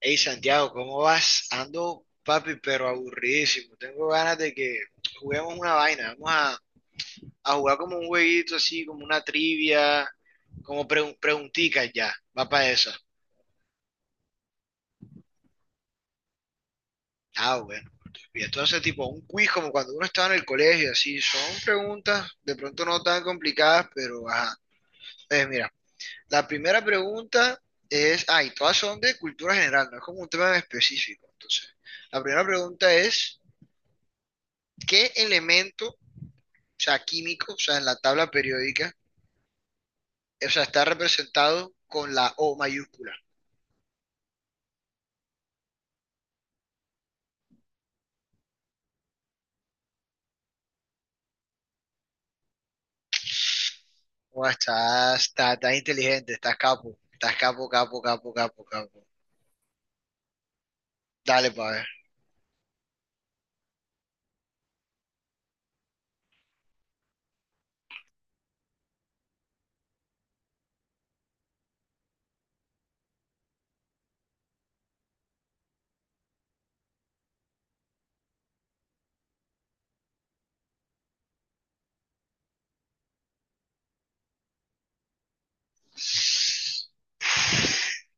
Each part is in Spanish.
Hey Santiago, ¿cómo vas? Ando, papi, pero aburridísimo. Tengo ganas de que juguemos una vaina. Vamos a jugar como un jueguito así, como una trivia, como preguntitas ya. Va para esa. Ah, bueno. Y entonces, tipo, un quiz como cuando uno estaba en el colegio, así. Son preguntas, de pronto no tan complicadas, pero ajá. Entonces, mira, la primera pregunta es, ay, todas son de cultura general, no es como un tema en específico. Entonces, la primera pregunta es, ¿qué elemento sea, químico, o sea, en la tabla periódica, o sea, está representado con la O mayúscula? O estás inteligente, estás capo, capo, capo, capo, capo. Dale para ver.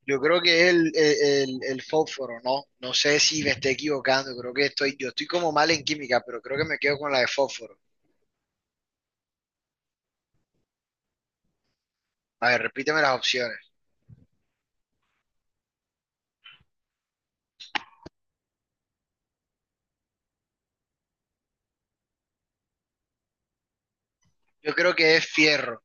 Yo creo que es el fósforo, ¿no? No sé si me esté equivocando, creo que yo estoy como mal en química, pero creo que me quedo con la de fósforo. A ver, repíteme las opciones. Yo creo que es fierro,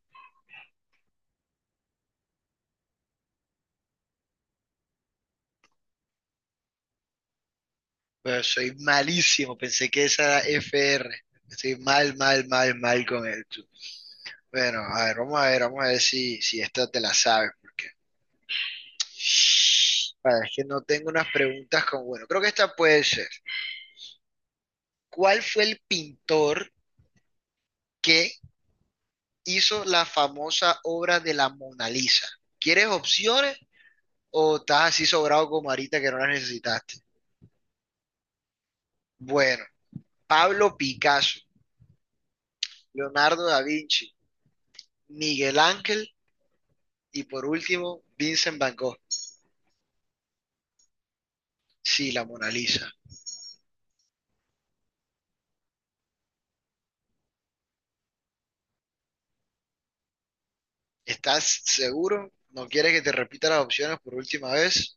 pero soy malísimo, pensé que esa era FR. Estoy mal, mal, mal, mal con el. Bueno, a ver, vamos a ver, vamos a ver si esta te la sabes, porque a ver, es que no tengo unas preguntas con, bueno, creo que esta puede ser. ¿Cuál fue el pintor que hizo la famosa obra de la Mona Lisa? ¿Quieres opciones o estás así sobrado como ahorita que no las necesitaste? Bueno, Pablo Picasso, Leonardo da Vinci, Miguel Ángel y por último, Vincent Van Gogh. Sí, la Mona Lisa. ¿Estás seguro? ¿No quieres que te repita las opciones por última vez?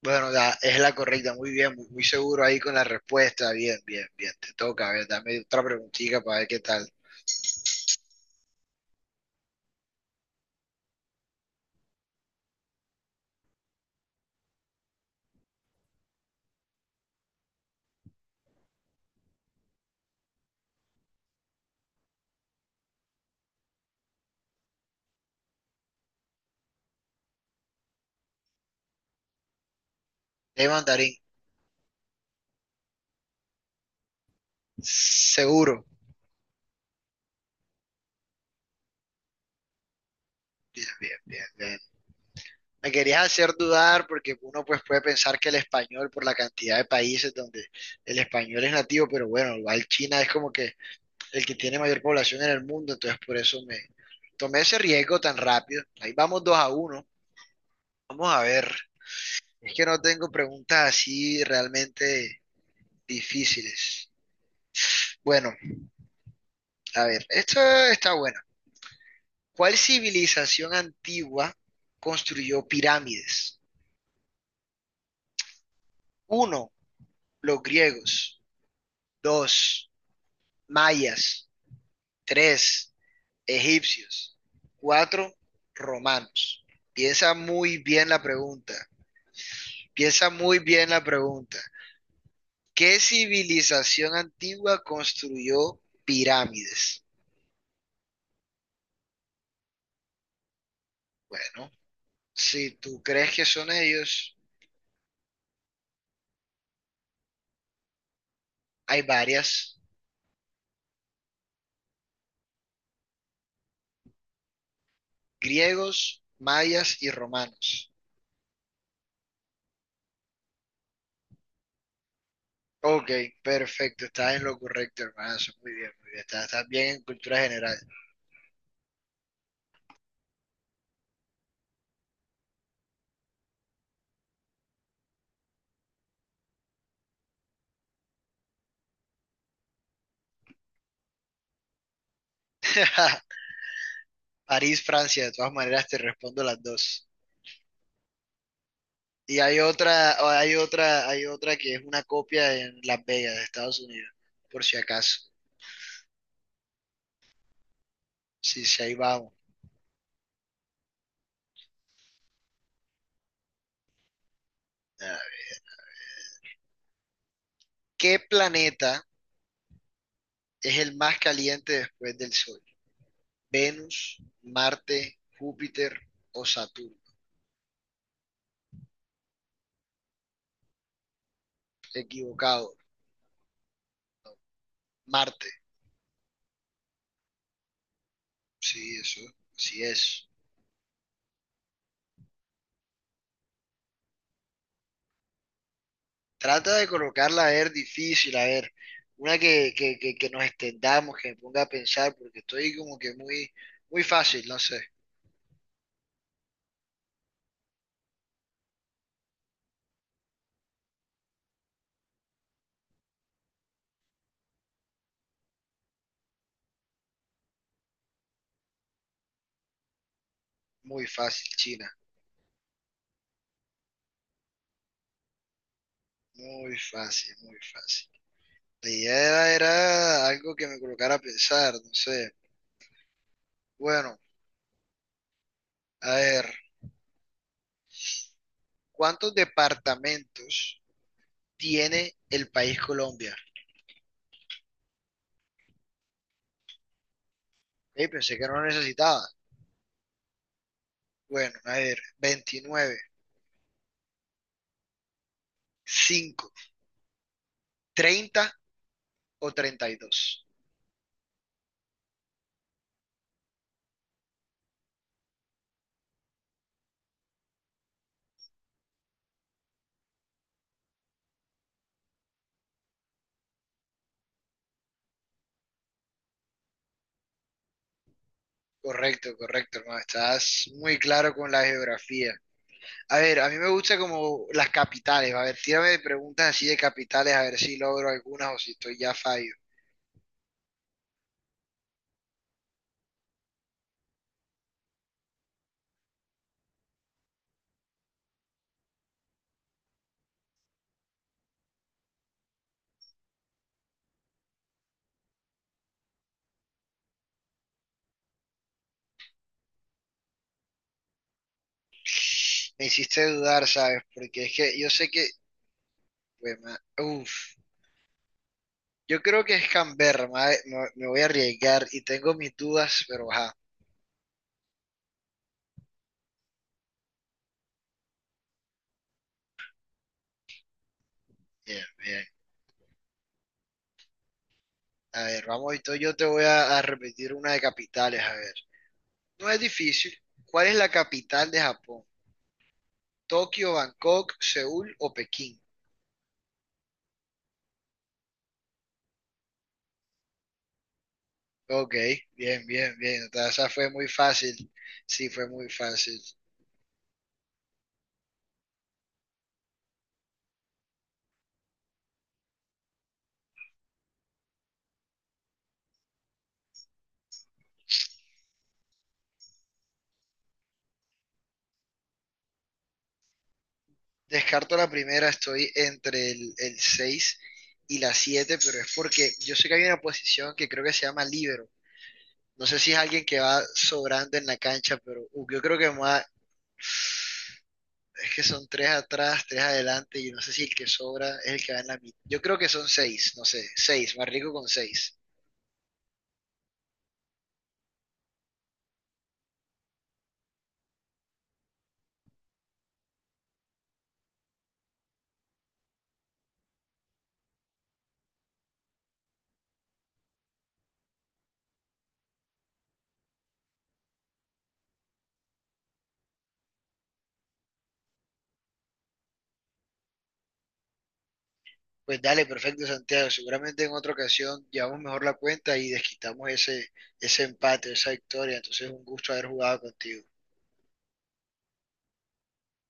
Bueno, es la correcta, muy bien, muy, muy seguro ahí con la respuesta. Bien, bien, bien, te toca. A ver, dame otra preguntita para ver qué tal. De mandarín, seguro. Bien, bien, bien, bien. Me querías hacer dudar porque uno pues puede pensar que el español, por la cantidad de países donde el español es nativo, pero bueno, igual China es como que el que tiene mayor población en el mundo, entonces por eso me tomé ese riesgo tan rápido. Ahí vamos 2-1. Vamos a ver. Es que no tengo preguntas así realmente difíciles. Bueno, a ver, esto está bueno. ¿Cuál civilización antigua construyó pirámides? Uno, los griegos. Dos, mayas. Tres, egipcios. Cuatro, romanos. Piensa muy bien la pregunta. Piensa muy bien la pregunta. ¿Qué civilización antigua construyó pirámides? Bueno, si tú crees que son ellos, hay varias. Griegos, mayas y romanos. Ok, perfecto. Estás en lo correcto, hermanazo. Muy bien, muy bien. Estás, estás bien en cultura general. París, Francia, de todas maneras te respondo las dos. Y hay otra, hay otra, hay otra que es una copia en Las Vegas, de Estados Unidos, por si acaso. Sí, sí, ahí vamos. Ah, ¿qué planeta es el más caliente después del Sol? ¿Venus, Marte, Júpiter o Saturno? Equivocado. Marte. Sí, eso. Así es. Trata de colocarla a ver difícil, a ver. Una que nos extendamos, que me ponga a pensar, porque estoy como que muy, muy fácil, no sé. Muy fácil, China. Muy fácil, muy fácil. La idea era algo que me colocara a pensar, no sé. Bueno, a ver, ¿cuántos departamentos tiene el país Colombia? Pensé que no lo necesitaba. Bueno, a ver, 29, cinco, 30 o 32. Correcto, correcto, hermano. Estás muy claro con la geografía. A ver, a mí me gusta como las capitales. A ver, tírame preguntas así de capitales, a ver si logro algunas o si estoy ya fallo. Me hiciste dudar, ¿sabes? Porque es que yo sé que... pues, uf, yo creo que es Canberra, Me voy a arriesgar y tengo mis dudas, pero ajá. Bien, bien. A ver, vamos, entonces yo te voy a repetir una de capitales, a ver. No es difícil. ¿Cuál es la capital de Japón? Tokio, Bangkok, Seúl o Pekín. Ok, bien, bien, bien. O sea, esa fue muy fácil. Sí, fue muy fácil. Descarto la primera, estoy entre el 6 y la 7, pero es porque yo sé que hay una posición que creo que se llama líbero. No sé si es alguien que va sobrando en la cancha, pero yo creo que más... Es que son tres atrás, tres adelante, y no sé si el que sobra es el que va en la mitad. Yo creo que son seis, no sé, seis, más rico con seis. Pues dale, perfecto, Santiago. Seguramente en otra ocasión llevamos mejor la cuenta y desquitamos ese empate, esa victoria. Entonces, un gusto haber jugado contigo.